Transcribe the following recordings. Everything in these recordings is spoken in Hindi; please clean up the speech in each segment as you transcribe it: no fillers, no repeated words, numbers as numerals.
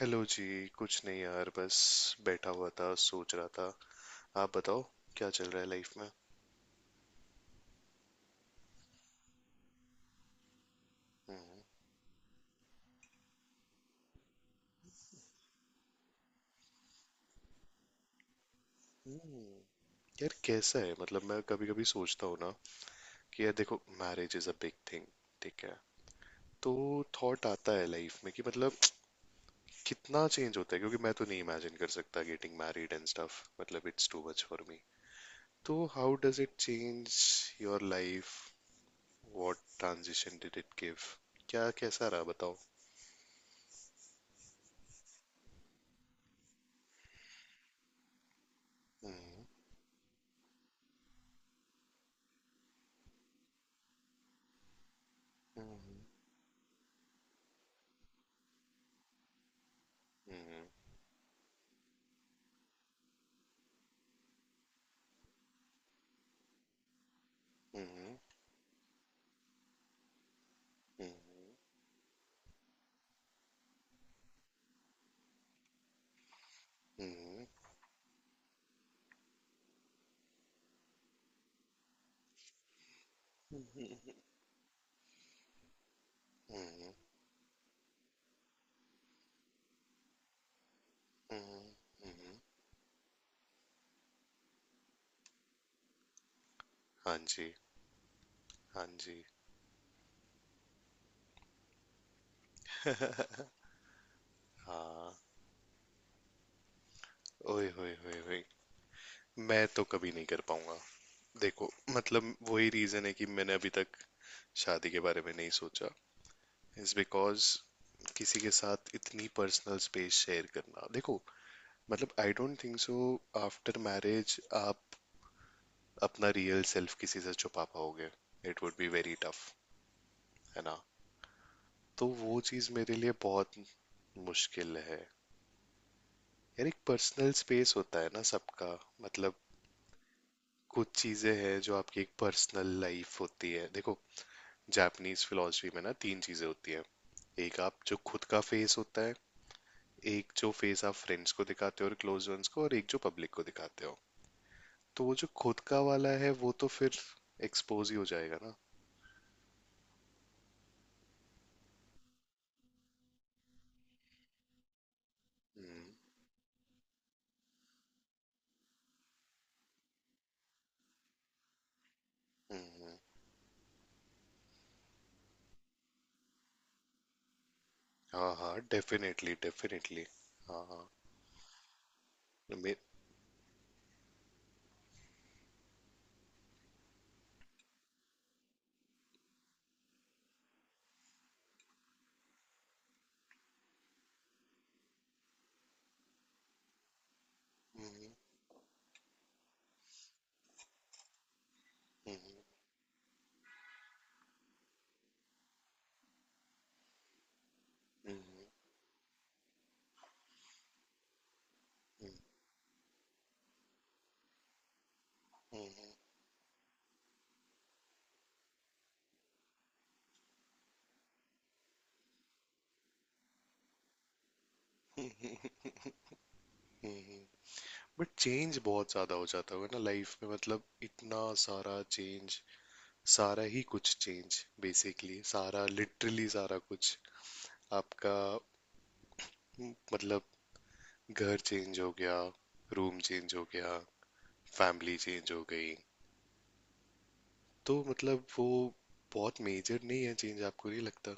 हेलो जी। कुछ नहीं यार, बस बैठा हुआ था, सोच रहा था। आप बताओ, क्या चल रहा है लाइफ में। हम्म। यार कैसा है, मतलब मैं कभी कभी सोचता हूँ ना कि यार देखो, marriage is a big thing, ठीक है। तो थॉट आता है लाइफ में कि मतलब कितना चेंज होता है, क्योंकि मैं तो नहीं इमेजिन कर सकता गेटिंग मैरिड एंड स्टफ। मतलब it's too much for me. तो how does it change your life, what transition did it give, क्या कैसा रहा बताओ। हम्म। हम्म। हम्म। हम्म। हम्म। हम्म। हम्म। हम्म। हम्म। हम्म। हाँ जी। हाँ जी। हाँ। ओए होए होए होए। मैं तो कभी नहीं कर पाऊंगा। देखो, मतलब वही रीजन है कि मैंने अभी तक शादी के बारे में नहीं सोचा, इज बिकॉज किसी के साथ इतनी पर्सनल स्पेस शेयर करना। देखो, मतलब I don't think so after marriage आप अपना रियल सेल्फ किसी से छुपा पाओगे। It would be very tough, है ना। तो वो चीज़ मेरे लिए बहुत मुश्किल है। यार एक पर्सनल स्पेस होता है ना सबका। मतलब कुछ चीजें हैं जो आपकी एक पर्सनल लाइफ होती है। देखो, जापानीज फिलॉसफी में ना तीन चीजें होती हैं। एक आप जो खुद का फेस होता है, एक जो फेस आप फ्रेंड्स को दिखाते हो और क्लोज वंस को, और एक जो पब्लिक को दिखाते हो। तो वो जो खुद का वाला है वो तो फिर एक्सपोज ही हो जाएगा ना। हम्म। हम्म। हम्म। हाँ हाँ, डेफिनेटली डेफिनेटली। हाँ हाँ। मे- हम्म। हम्म। हम्म। हम्म। हम्म। हम्म। बट चेंज बहुत ज्यादा हो जाता होगा ना लाइफ में, मतलब इतना सारा चेंज, सारा ही कुछ चेंज, बेसिकली सारा लिटरली सारा कुछ आपका। मतलब घर चेंज हो गया, रूम चेंज हो गया, फैमिली चेंज हो गई। तो मतलब वो बहुत मेजर नहीं है चेंज, आपको नहीं लगता।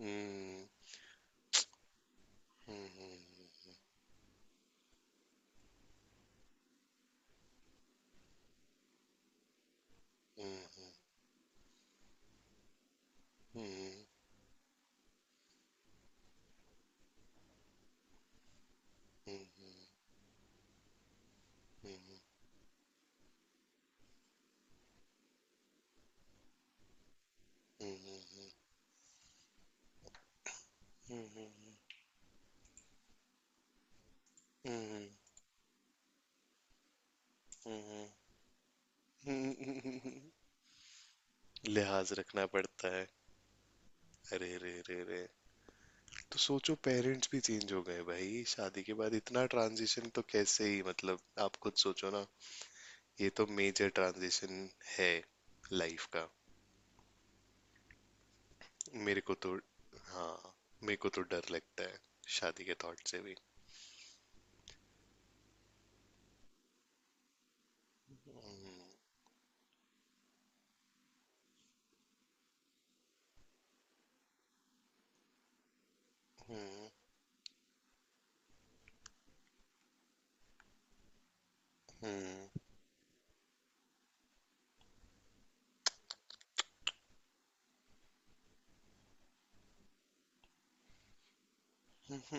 हम्म। हम्म। हम्म। हम्म। हम्म। हम्म। हम्म। हम्म। हम्म। हम्म। हम्म। लिहाज रखना पड़ता है। अरे रे रे रे। तो सोचो पेरेंट्स भी चेंज हो गए भाई, शादी के बाद इतना ट्रांजिशन तो कैसे ही, मतलब आप खुद सोचो ना। ये तो मेजर ट्रांजिशन है लाइफ का। मेरे को तो। हाँ। मेरे को तो डर लगता है शादी के थॉट से भी। हम्म। हम्म।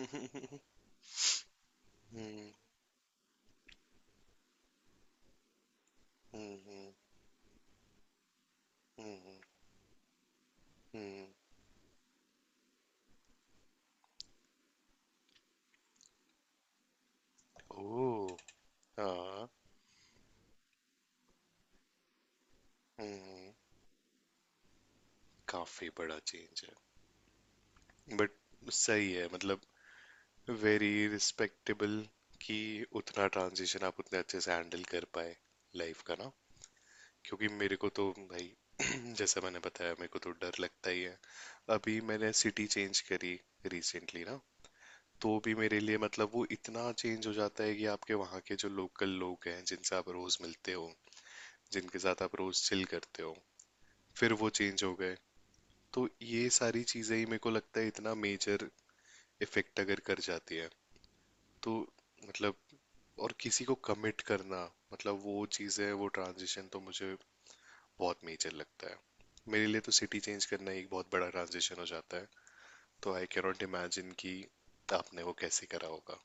हम्म। हम्म। हम्म। हम्म। ओह। हाँ। हम्म। काफी बड़ा चेंज है बट सही है, मतलब वेरी रिस्पेक्टेबल कि उतना ट्रांजिशन आप उतने अच्छे से हैंडल कर पाए लाइफ का ना। क्योंकि मेरे को तो भाई, जैसा मैंने बताया, मेरे को तो डर लगता ही है। अभी मैंने सिटी चेंज करी रिसेंटली ना, तो भी मेरे लिए मतलब वो इतना चेंज हो जाता है कि आपके वहाँ के जो लोकल लोग हैं जिनसे आप रोज मिलते हो, जिनके साथ आप रोज चिल करते हो, फिर वो चेंज हो गए। तो ये सारी चीजें ही मेरे को लगता है इतना मेजर इफेक्ट अगर कर जाती है तो, मतलब और किसी को कमिट करना, मतलब वो चीज़ें वो ट्रांजिशन तो मुझे बहुत मेजर लगता है। मेरे लिए तो सिटी चेंज करना एक बहुत बड़ा ट्रांजिशन हो जाता है। तो आई कैन नॉट इमेजिन कि आपने वो कैसे करा होगा।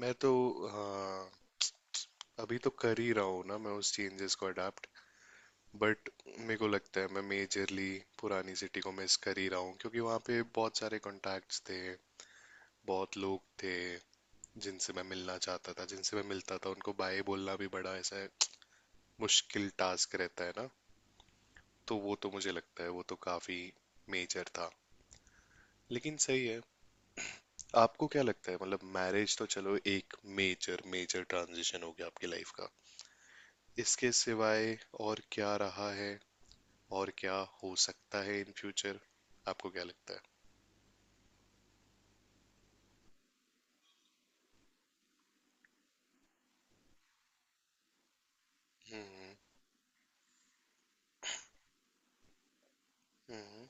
मैं तो। हाँ। अभी तो कर ही रहा हूँ ना मैं उस चेंजेस को अडाप्ट। बट मेरे को लगता है मैं मेजरली पुरानी सिटी को मिस कर ही रहा हूँ, क्योंकि वहाँ पे बहुत सारे कॉन्टैक्ट्स थे, बहुत लोग थे जिनसे मैं मिलना चाहता था, जिनसे मैं मिलता था। उनको बाय बोलना भी बड़ा ऐसा मुश्किल टास्क रहता है ना। तो वो तो मुझे लगता है वो तो काफी मेजर था। लेकिन सही है। आपको क्या लगता है, मतलब मैरिज तो चलो एक मेजर मेजर ट्रांजिशन हो गया आपकी लाइफ का। इसके सिवाय और क्या रहा है, और क्या हो सकता है इन फ्यूचर, आपको क्या लगता है। हम्म। हम्म।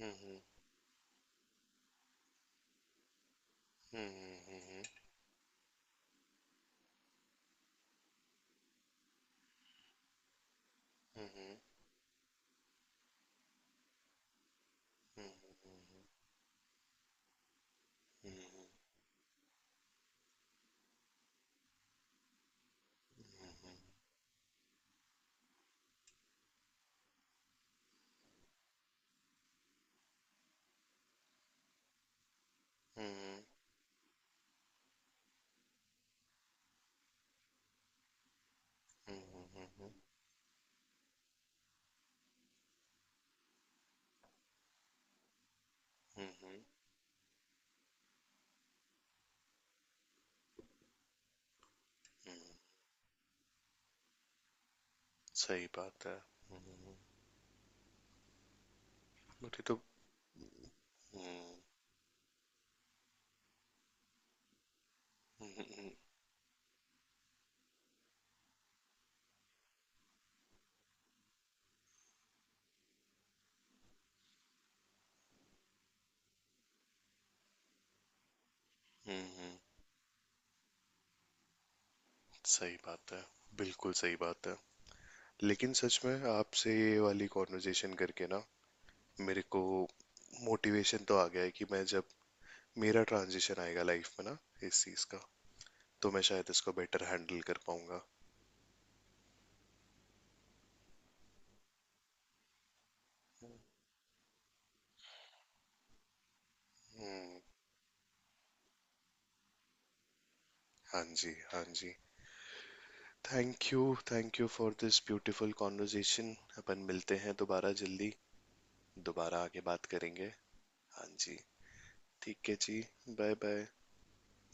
हम्म। हम्म। हम्म। हम्म। हम्म। हम्म। हम्म। सही बात है। मुझे तो। हम्म। हम्म। हम्म। सही बात है। बिल्कुल सही बात है। लेकिन सच में आपसे ये वाली कॉन्वर्जेशन करके ना मेरे को मोटिवेशन तो आ गया है कि मैं जब मेरा ट्रांजिशन आएगा लाइफ में ना, इस चीज का, तो मैं शायद इसको बेटर हैंडल कर पाऊंगा। हम्म। हाँ जी हाँ जी। Thank you for this beautiful conversation. अपन मिलते हैं दोबारा जल्दी, दोबारा आके बात करेंगे। हाँ जी। ठीक है जी। Bye bye.